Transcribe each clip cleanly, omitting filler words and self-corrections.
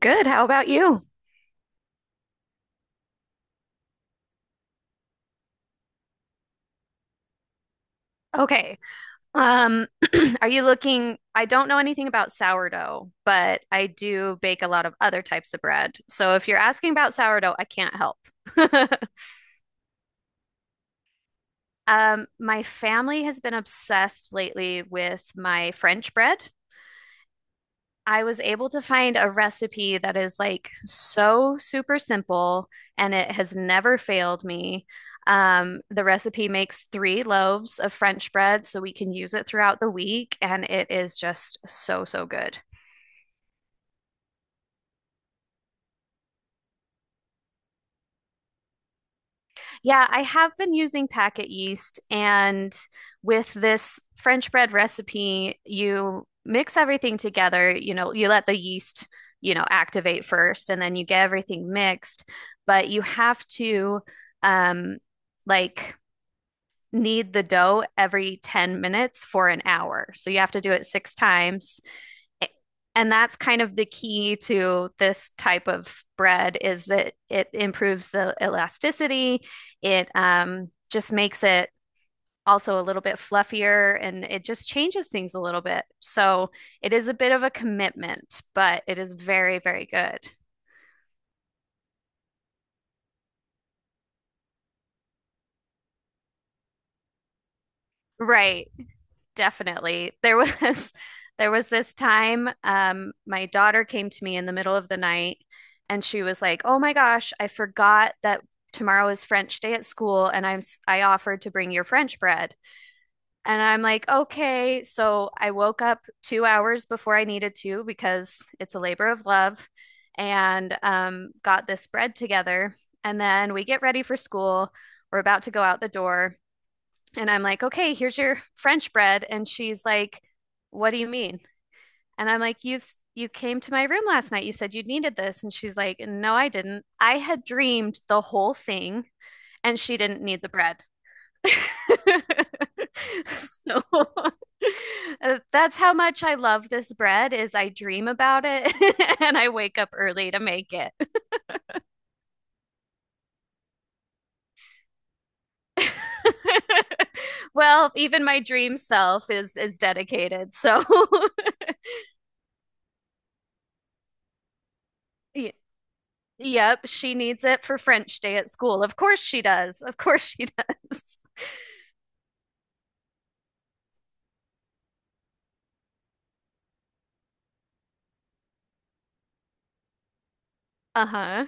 Good. How about you? Okay. Um, are you looking? I don't know anything about sourdough, but I do bake a lot of other types of bread. So if you're asking about sourdough, I can't help. My family has been obsessed lately with my French bread. I was able to find a recipe that is like so super simple and it has never failed me. The recipe makes three loaves of French bread so we can use it throughout the week, and it is just so, so good. Yeah, I have been using packet yeast, and with this French bread recipe, you mix everything together. You let the yeast, activate first, and then you get everything mixed. But you have to, um, like, knead the dough every 10 minutes for an hour. So you have to do it six times, and that's kind of the key to this type of bread is that it improves the elasticity. It just makes it also a little bit fluffier and it just changes things a little bit. So it is a bit of a commitment, but it is very, very good. Right. Definitely. There was There was this time my daughter came to me in the middle of the night and she was like, "Oh my gosh, I forgot that tomorrow is French day at school and I offered to bring your French bread." And I'm like, "Okay." So I woke up 2 hours before I needed to because it's a labor of love and got this bread together and then we get ready for school. We're about to go out the door and I'm like, okay, here's your French bread. And she's like, what do you mean? And I'm like, you came to my room last night. You said you needed this. And she's like, no, I didn't. I had dreamed the whole thing, and she didn't need the bread. So that's how much I love this bread is I dream about it and I wake up early to make it. Well, even my dream self is dedicated. So yeah, Yep, she needs it for French day at school. Of course she does. Of course she does. Uh-huh.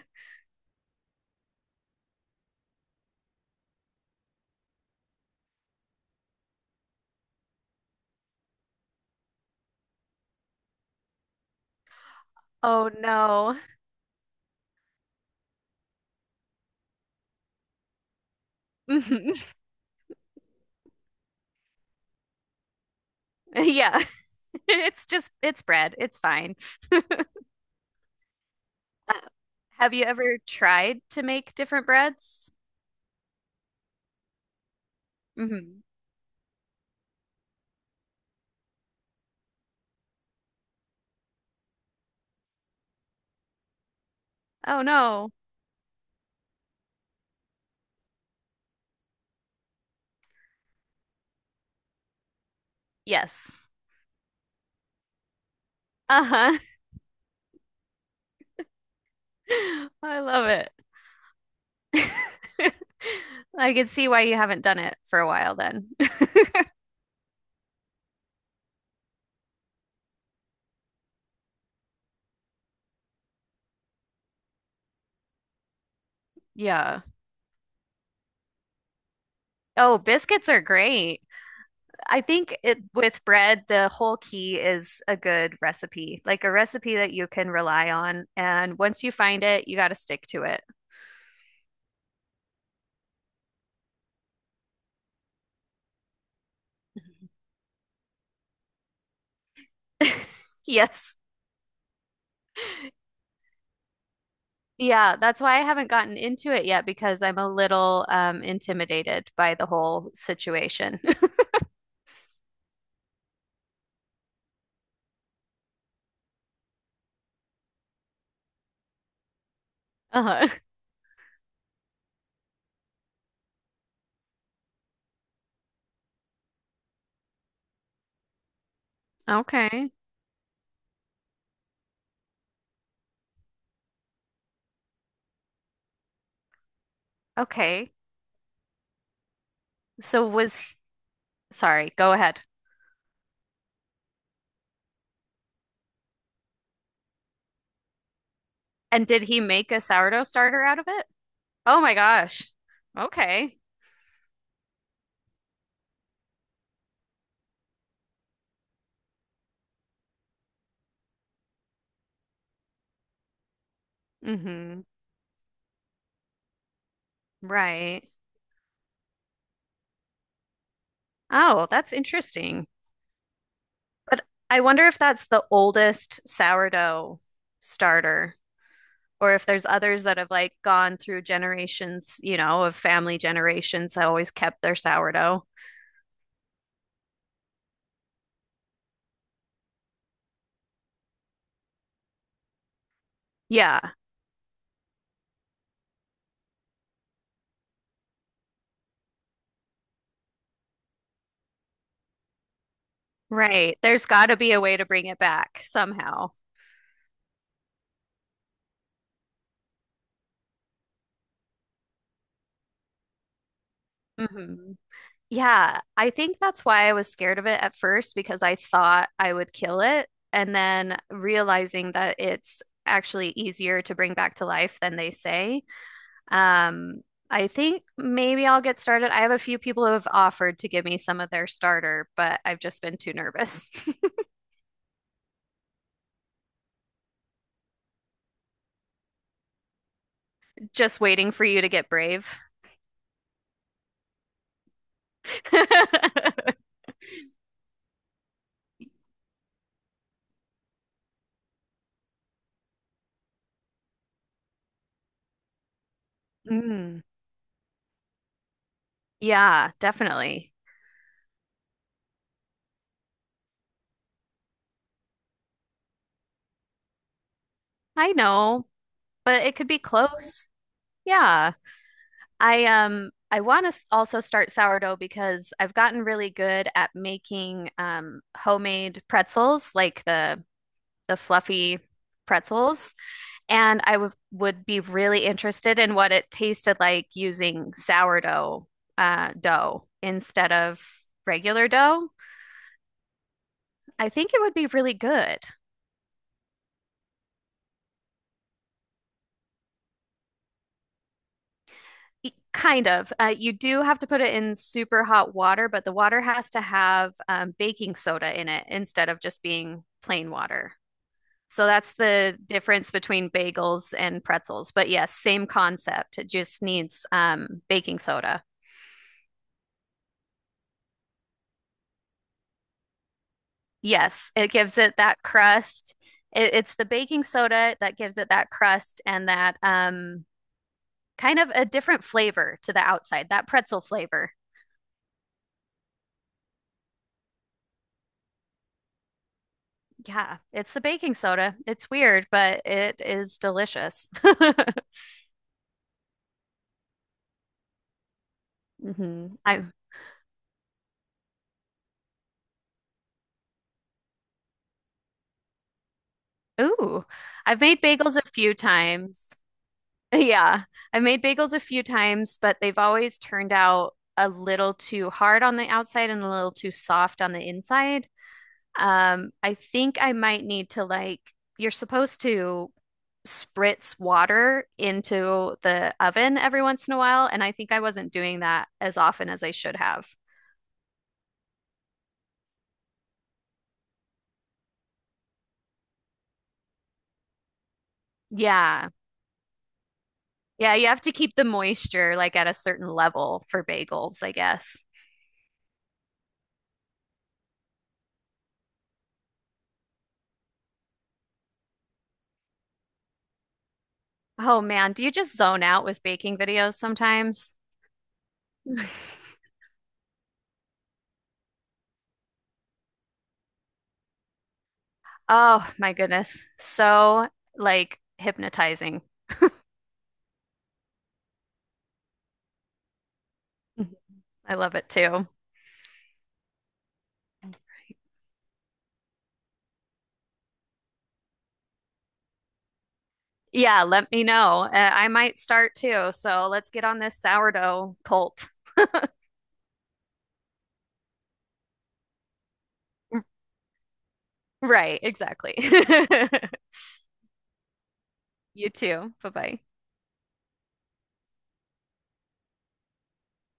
Oh no. Mhm. Yeah. It's just it's bread. It's fine. Uh, have you ever tried to make different breads? Hmm. Oh no. Yes. Uh-huh. I love it. I can see why you haven't done it for a while then. Yeah. Oh, biscuits are great. I think with bread, the whole key is a good recipe, like a recipe that you can rely on. And once you find it, you got to stick to it. Yes. Yeah, that's why I haven't gotten into it yet because I'm a little intimidated by the whole situation. Uh-huh. Okay. Okay. So was, Sorry, go ahead. And did he make a sourdough starter out of it? Oh my gosh. Okay. Mm-hmm. Right. Oh, that's interesting. But I wonder if that's the oldest sourdough starter, or if there's others that have like gone through generations, you know, of family generations that always kept their sourdough. Yeah, right. There's got to be a way to bring it back somehow. Hmm. Yeah, I think that's why I was scared of it at first because I thought I would kill it. And then realizing that it's actually easier to bring back to life than they say. Um, I think maybe I'll get started. I have a few people who have offered to give me some of their starter, but I've just been too nervous. Just waiting for you to get brave. Mm, yeah, definitely. I know, but it could be close. Yeah. I want to also start sourdough because I've gotten really good at making homemade pretzels, like the fluffy pretzels. And I would be really interested in what it tasted like using sourdough dough instead of regular dough. I think it would be really good. Kind of. You do have to put it in super hot water, but the water has to have baking soda in it instead of just being plain water. So that's the difference between bagels and pretzels. But yes, same concept. It just needs baking soda. Yes, it gives it that crust. It's the baking soda that gives it that crust and that kind of a different flavor to the outside, that pretzel flavor. Yeah, it's the baking soda. It's weird, but it is delicious. I Ooh, I've made bagels a few times. Yeah, I've made bagels a few times, but they've always turned out a little too hard on the outside and a little too soft on the inside. I think I might need to you're supposed to spritz water into the oven every once in a while, and I think I wasn't doing that as often as I should have. Yeah. Yeah, you have to keep the moisture like at a certain level for bagels, I guess. Oh man, do you just zone out with baking videos sometimes? Oh my goodness. So like hypnotizing. I love it too. Yeah, let me know. I might start too. So let's get on this sourdough cult. Right, exactly. You too. Bye bye.